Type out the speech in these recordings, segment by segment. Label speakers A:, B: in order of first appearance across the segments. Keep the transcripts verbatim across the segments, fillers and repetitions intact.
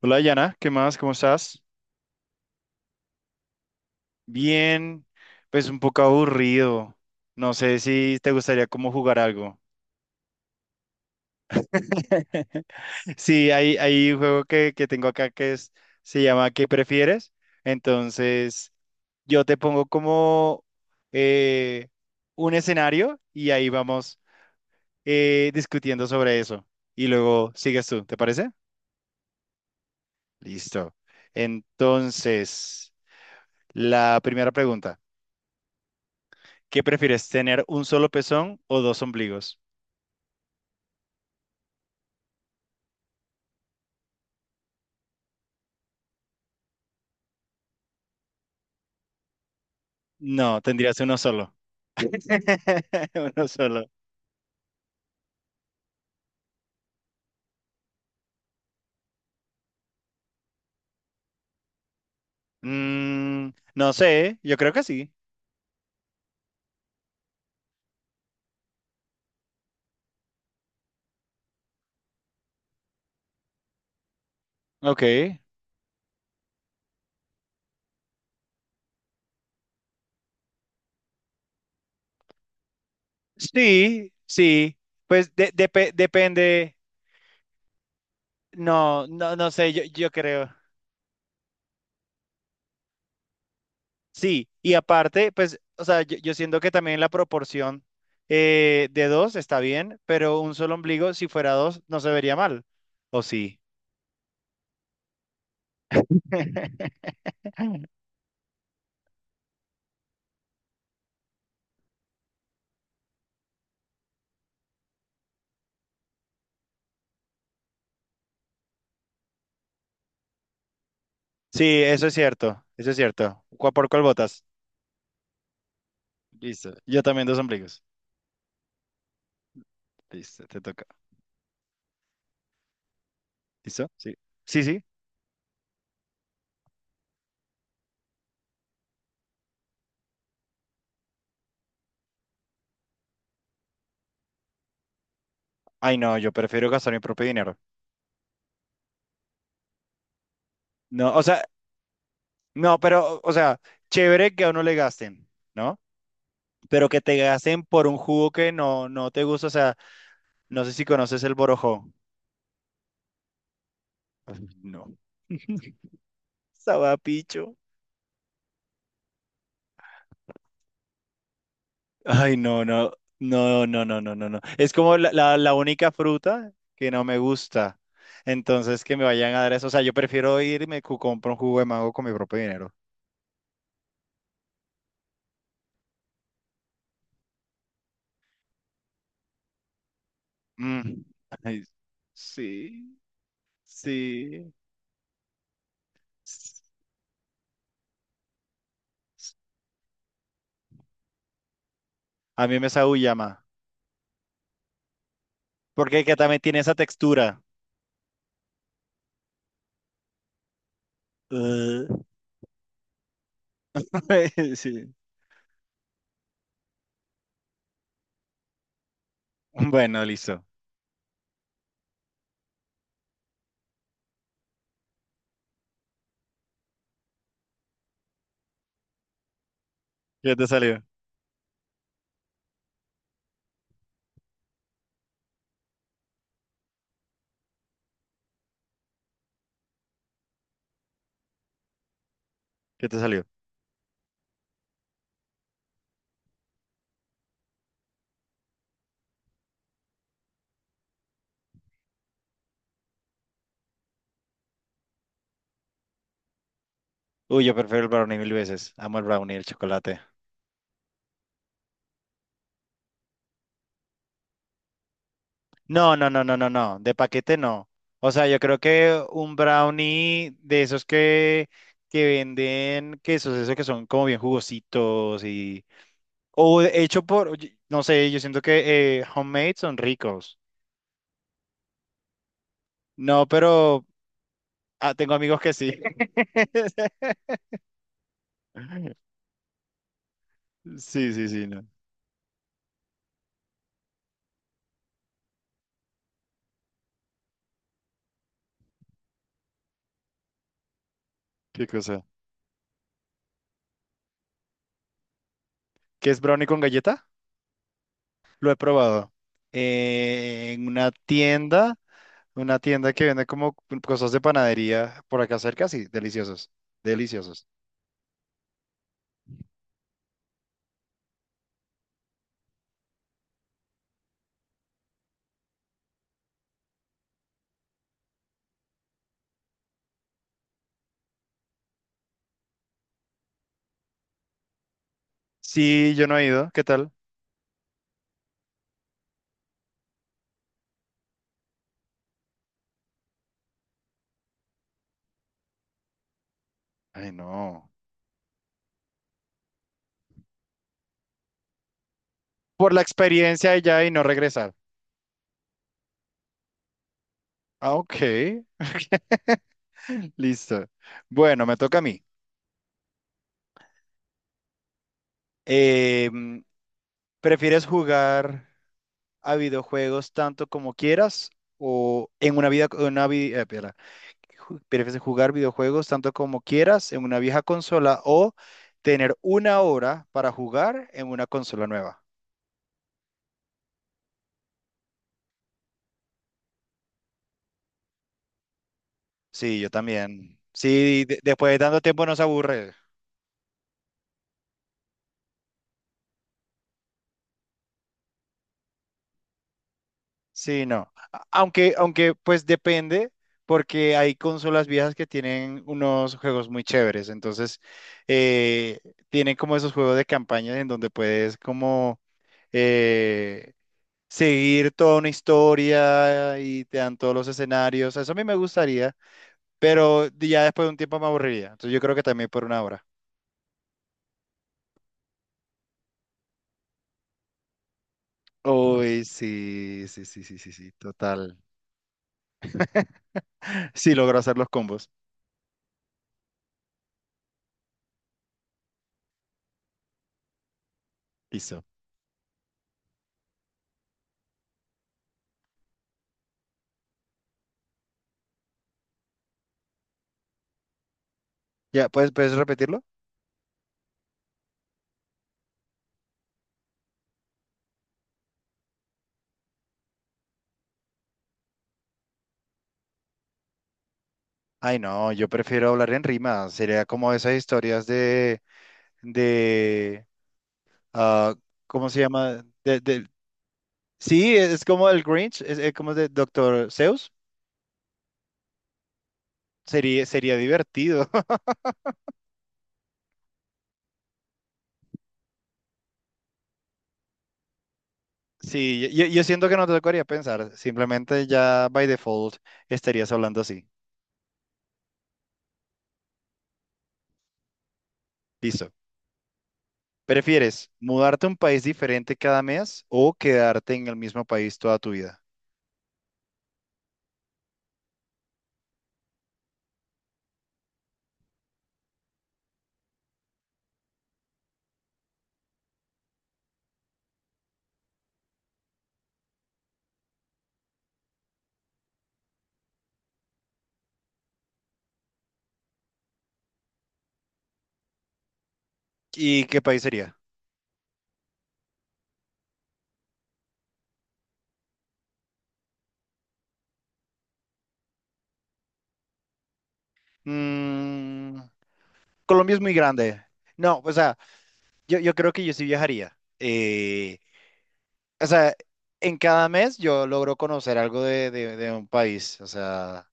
A: Hola, Yana, ¿qué más? ¿Cómo estás? Bien, pues un poco aburrido. No sé si te gustaría como jugar algo. Sí, hay, hay un juego que, que tengo acá que es, se llama ¿Qué prefieres? Entonces, yo te pongo como eh, un escenario y ahí vamos eh, discutiendo sobre eso. Y luego sigues tú, ¿te parece? Listo. Entonces, la primera pregunta. ¿Qué prefieres, tener un solo pezón o dos ombligos? No, tendrías uno solo. Uno solo. Mm, no sé, yo creo que sí. Ok. Sí, sí. Pues de- depe- depende. No, no, no sé, yo, yo creo. Sí, y aparte, pues, o sea, yo, yo siento que también la proporción eh, de dos está bien, pero un solo ombligo, si fuera dos, no se vería mal. ¿O sí? Sí, eso es cierto, eso es cierto. ¿Cu- ¿Por cuál votas? Listo. Yo también dos ombligos. Listo, te toca. ¿Listo? Sí. Sí, sí. Ay, no, yo prefiero gastar mi propio dinero. No, o sea, no, pero, o sea, chévere que a uno le gasten, ¿no? Pero que te gasten por un jugo que no, no te gusta. O sea, no sé si conoces el borojó. Ay, no. Sabapicho. Ay, no, no, no, no, no, no, no, no. Es como la, la, la única fruta que no me gusta. Entonces, que me vayan a dar eso. O sea, yo prefiero irme y compro un jugo de mango con mi propio dinero. Mm, ay, sí, sí. s- s- A mí me sabe llama. Porque que también tiene esa textura. Ugh. Sí. Bueno, listo. ¿Qué te salió? ¿Qué te salió? Uy, yo prefiero el brownie mil veces. Amo el brownie, y el chocolate. No, no, no, no, no, no. De paquete no. O sea, yo creo que un brownie de esos que, que venden quesos, esos que son como bien jugositos y, o hecho por, no sé, yo siento que eh, homemade son ricos. No, pero ah, tengo amigos que sí. Sí, sí, sí, no. Qué cosa. ¿Qué es brownie con galleta? Lo he probado. Eh, en una tienda, una tienda que vende como cosas de panadería por acá cerca, sí, deliciosos. Deliciosos. Sí, yo no he ido. ¿Qué tal? Ay, no. Por la experiencia ya y no regresar. Ah, ok. Listo. Bueno, me toca a mí. Eh, ¿prefieres jugar a videojuegos tanto como quieras o en una vida, una vi- eh, espera, ju- ¿prefieres jugar videojuegos tanto como quieras en una vieja consola o tener una hora para jugar en una consola nueva? Sí, yo también. Sí, de- después de tanto tiempo nos aburre. Sí, no. A- Aunque, aunque pues depende, porque hay consolas viejas que tienen unos juegos muy chéveres. Entonces, eh, tienen como esos juegos de campaña en donde puedes como eh, seguir toda una historia y te dan todos los escenarios. Eso a mí me gustaría, pero ya después de un tiempo me aburriría. Entonces, yo creo que también por una hora. Uy, sí, sí, sí, sí, sí, sí, total. Sí, logro hacer los combos. Listo. ¿Ya puedes, puedes repetirlo? Ay, no, yo prefiero hablar en rima. Sería como esas historias de, de, ah, ¿cómo se llama? De, de- sí, es como el Grinch, es, es como de Doctor Seuss. Sería, sería divertido. Sí, yo, yo siento que no te tocaría pensar. Simplemente ya by default estarías hablando así. Listo. ¿Prefieres mudarte a un país diferente cada mes o quedarte en el mismo país toda tu vida? ¿Y qué país sería? Mm, Colombia es muy grande. No, o sea. Yo, yo creo que yo sí viajaría. Eh, o sea, en cada mes yo logro conocer algo de, de- de un país. O sea,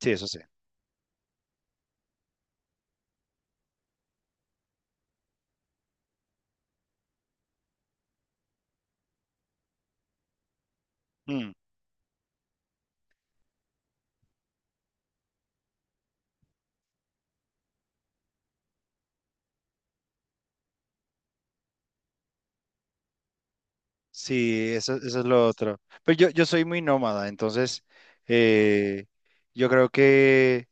A: sí, eso sí. Mm, sí, eso, eso es lo otro. Pero yo, yo soy muy nómada, entonces eh, yo creo que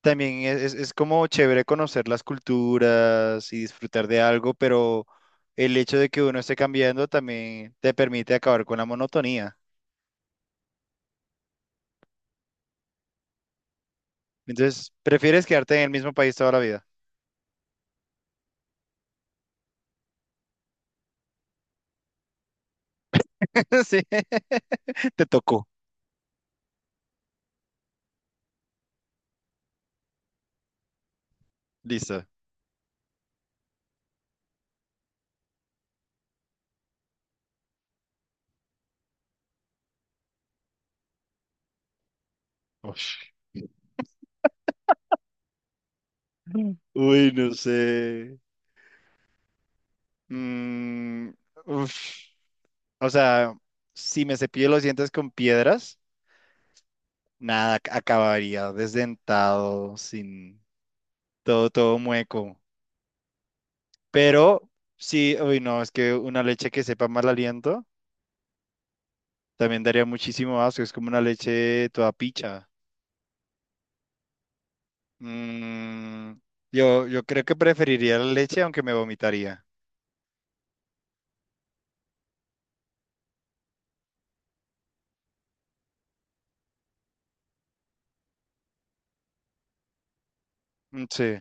A: también es, es- es como chévere conocer las culturas y disfrutar de algo, pero el hecho de que uno esté cambiando también te permite acabar con la monotonía. Entonces, ¿prefieres quedarte en el mismo país toda la vida? Sí, te tocó. Lisa. Ush. Uy, no sé. Mm, ush. O sea, si me cepillo los dientes con piedras, nada, ac- acabaría desdentado, sin todo, todo mueco. Pero sí, uy, no, es que una leche que sepa mal aliento también daría muchísimo asco. Es como una leche toda picha. Mm, yo, yo creo que preferiría la leche, aunque me vomitaría. Mm, sí.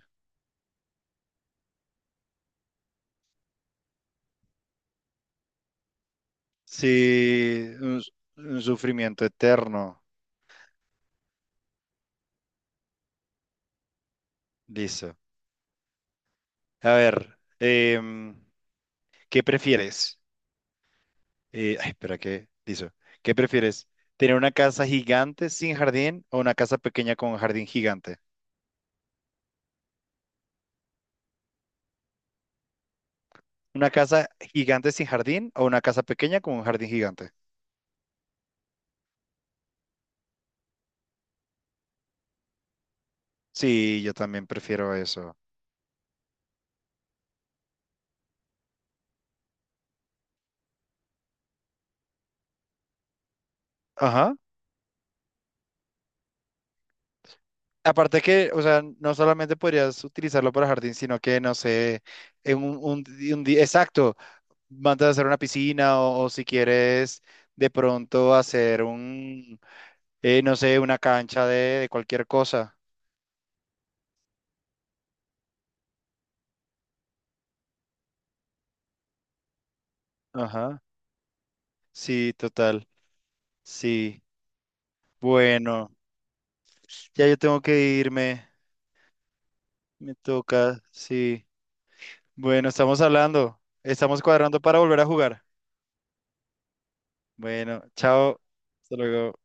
A: Sí, un, un sufrimiento eterno. Listo. A ver, em, ¿qué prefieres? Eh, ay, espera, ¿qué? Listo. ¿Qué prefieres? ¿Tener una casa gigante sin jardín o una casa pequeña con un jardín gigante? ¿Una casa gigante sin jardín o una casa pequeña con un jardín gigante? Sí, yo también prefiero eso. Ajá. Aparte que, o sea, no solamente podrías utilizarlo para jardín, sino que, no sé, en un, un, di- un día, exacto. Mandas a hacer una piscina o, o si quieres de pronto hacer un, eh, no sé, una cancha de, de cualquier cosa. Ajá, sí, total, sí. Bueno, ya yo tengo que irme, me toca, sí. Bueno, estamos hablando, estamos cuadrando para volver a jugar. Bueno, chao, hasta luego.